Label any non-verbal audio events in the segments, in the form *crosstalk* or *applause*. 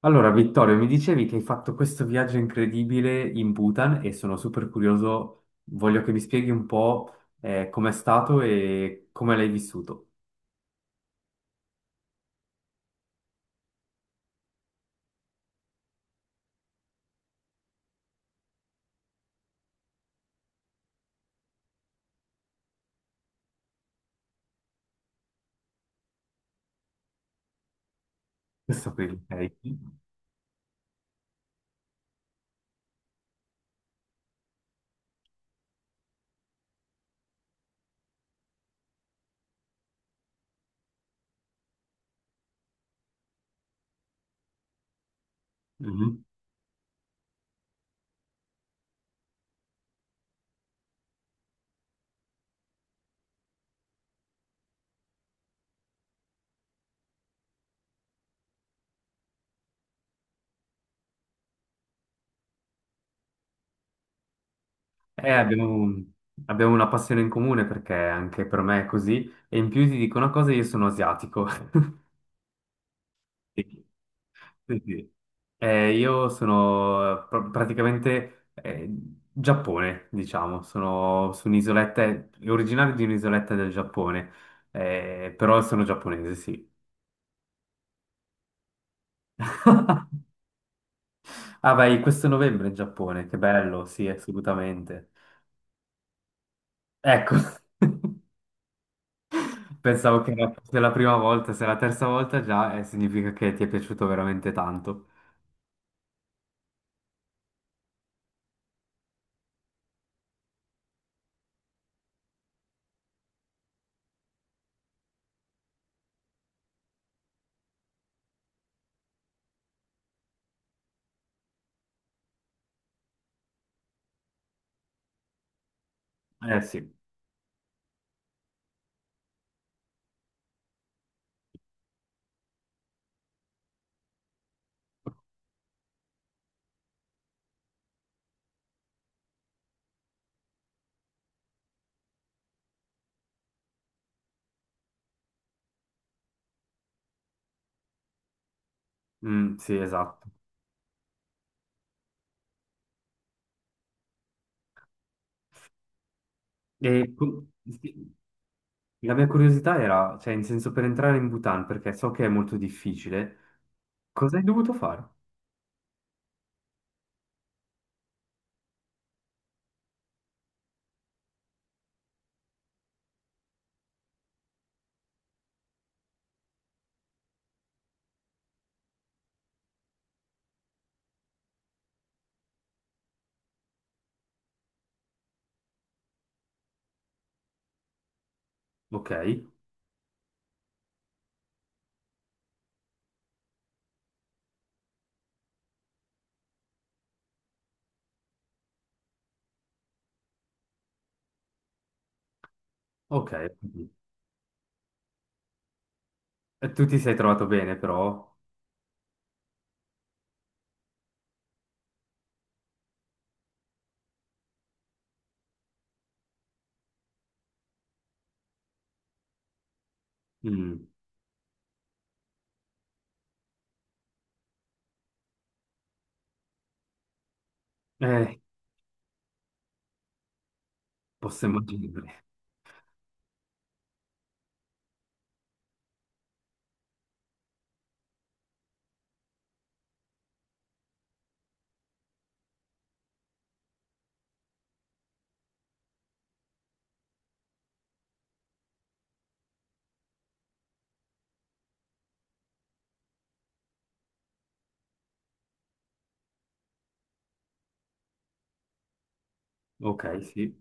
Allora, Vittorio, mi dicevi che hai fatto questo viaggio incredibile in Bhutan e sono super curioso. Voglio che mi spieghi un po' com'è stato e come l'hai vissuto. Questo qui, ok. Mhm. Eh, abbiamo, abbiamo una passione in comune perché anche per me è così. E in più ti dico una cosa, io sono asiatico. *laughs* Sì. Sì, sì. Io sono praticamente Giappone, diciamo, sono su un'isoletta, originario di un'isoletta del Giappone, però sono giapponese, sì. Ah, vai, questo novembre in Giappone, che bello, sì, assolutamente. Ecco, *laughs* se la prima volta, se la terza volta già, significa che ti è piaciuto veramente tanto. Eh sì. Mm, sì, esatto. E la mia curiosità era, cioè, in senso, per entrare in Bhutan, perché so che è molto difficile, cosa hai dovuto fare? Ok, ok. E tu ti sei trovato bene, però? Mm. Eh, posso immaginare. Ok, sì.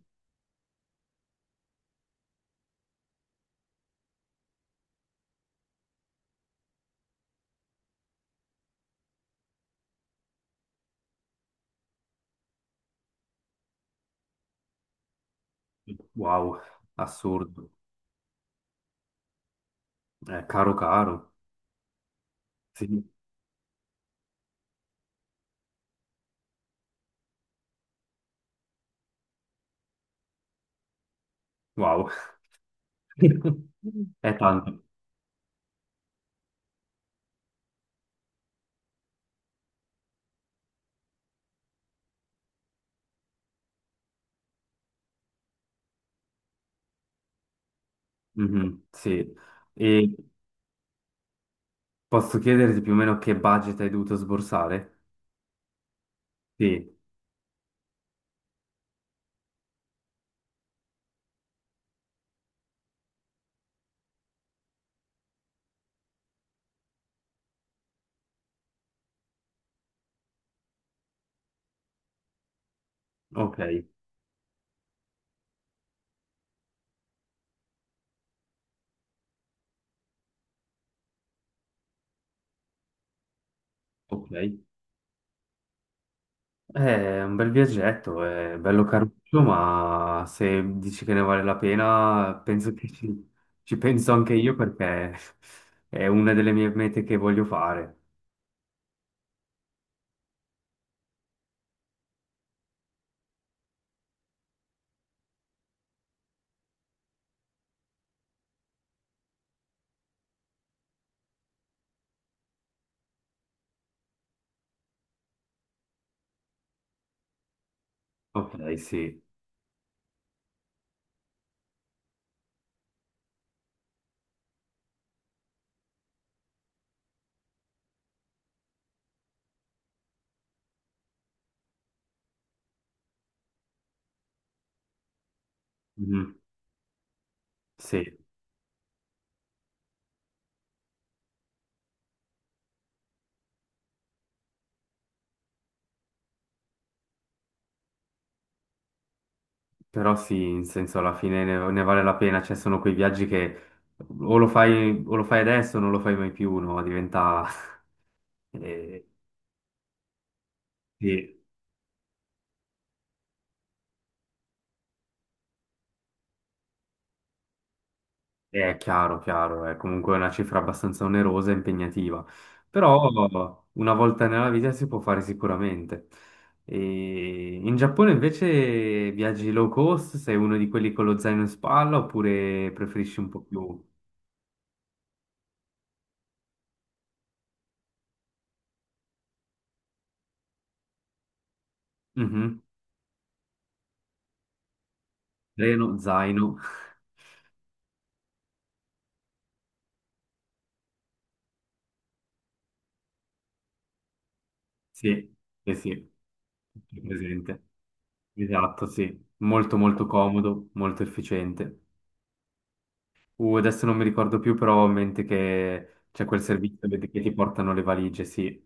Wow, assurdo. Caro, caro. Sì, wow. *laughs* È tanto. Mhm, sì. E posso chiederti più o meno che budget hai dovuto sborsare? Sì, ok, ok. Eh, è un bel viaggetto, è bello caruccio, ma se dici che ne vale la pena, penso che ci penso anche io perché *laughs* è una delle mie mete che voglio fare. Ok, sì. Mhm, sì, però sì, in senso, alla fine ne vale la pena, cioè sono quei viaggi che o lo fai adesso o non lo fai mai più, no? Diventa... *laughs* eh, sì. È chiaro, chiaro, è comunque una cifra abbastanza onerosa e impegnativa, però una volta nella vita si può fare sicuramente. E in Giappone invece viaggi low cost, sei uno di quelli con lo zaino in spalla oppure preferisci un po' più... Mhm. Treno, zaino, *laughs* sì, sì, sì, tutto presente. Esatto, sì, molto molto comodo, molto efficiente. Adesso non mi ricordo più, però ho in mente che c'è quel servizio che ti portano le valigie, sì.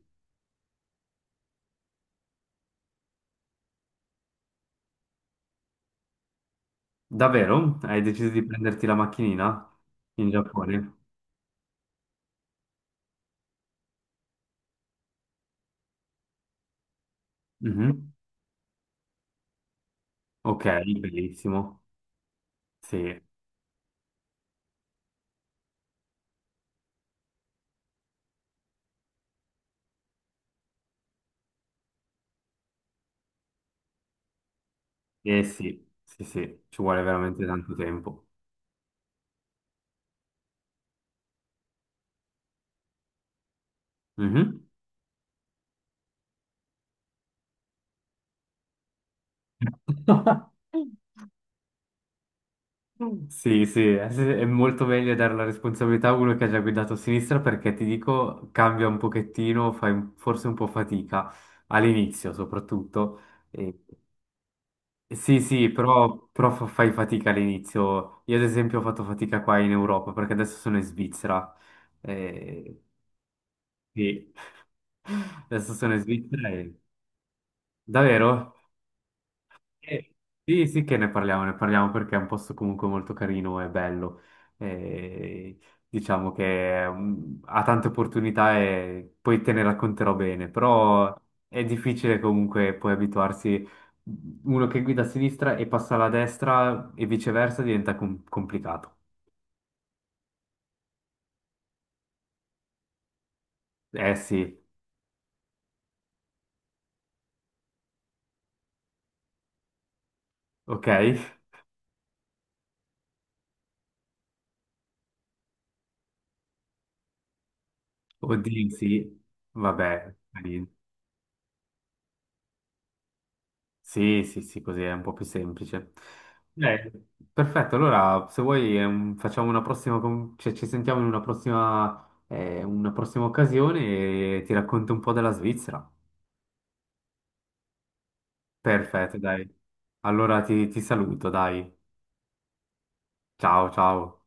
Davvero? Hai deciso di prenderti la macchinina in Giappone? Mhm. Ok, bellissimo. Sì, eh sì, sì, sì, ci vuole veramente tanto tempo. Mhm. *laughs* Sì, eh, sì, è molto meglio dare la responsabilità a uno che ha già guidato a sinistra perché ti dico, cambia un pochettino, forse un po' fatica all'inizio soprattutto. Sì, sì, però fai fatica all'inizio. Io ad esempio ho fatto fatica qua in Europa perché adesso sono in Svizzera. Eh, sì, *laughs* adesso sono in Svizzera e... Davvero? Eh, Sì, sì che ne parliamo perché è un posto comunque molto carino e bello. E diciamo che ha tante opportunità e poi te ne racconterò bene, però è difficile comunque poi abituarsi. Uno che guida a sinistra e passa alla destra e viceversa diventa complicato. Eh sì, ok? Oddio, sì, vabbè, sì, sì, sì, così è un po' più semplice. Eh, Perfetto, allora se vuoi facciamo una prossima, cioè, ci sentiamo in una prossima occasione e ti racconto un po' della Svizzera. Perfetto, dai. Allora ti saluto, dai. Ciao, ciao.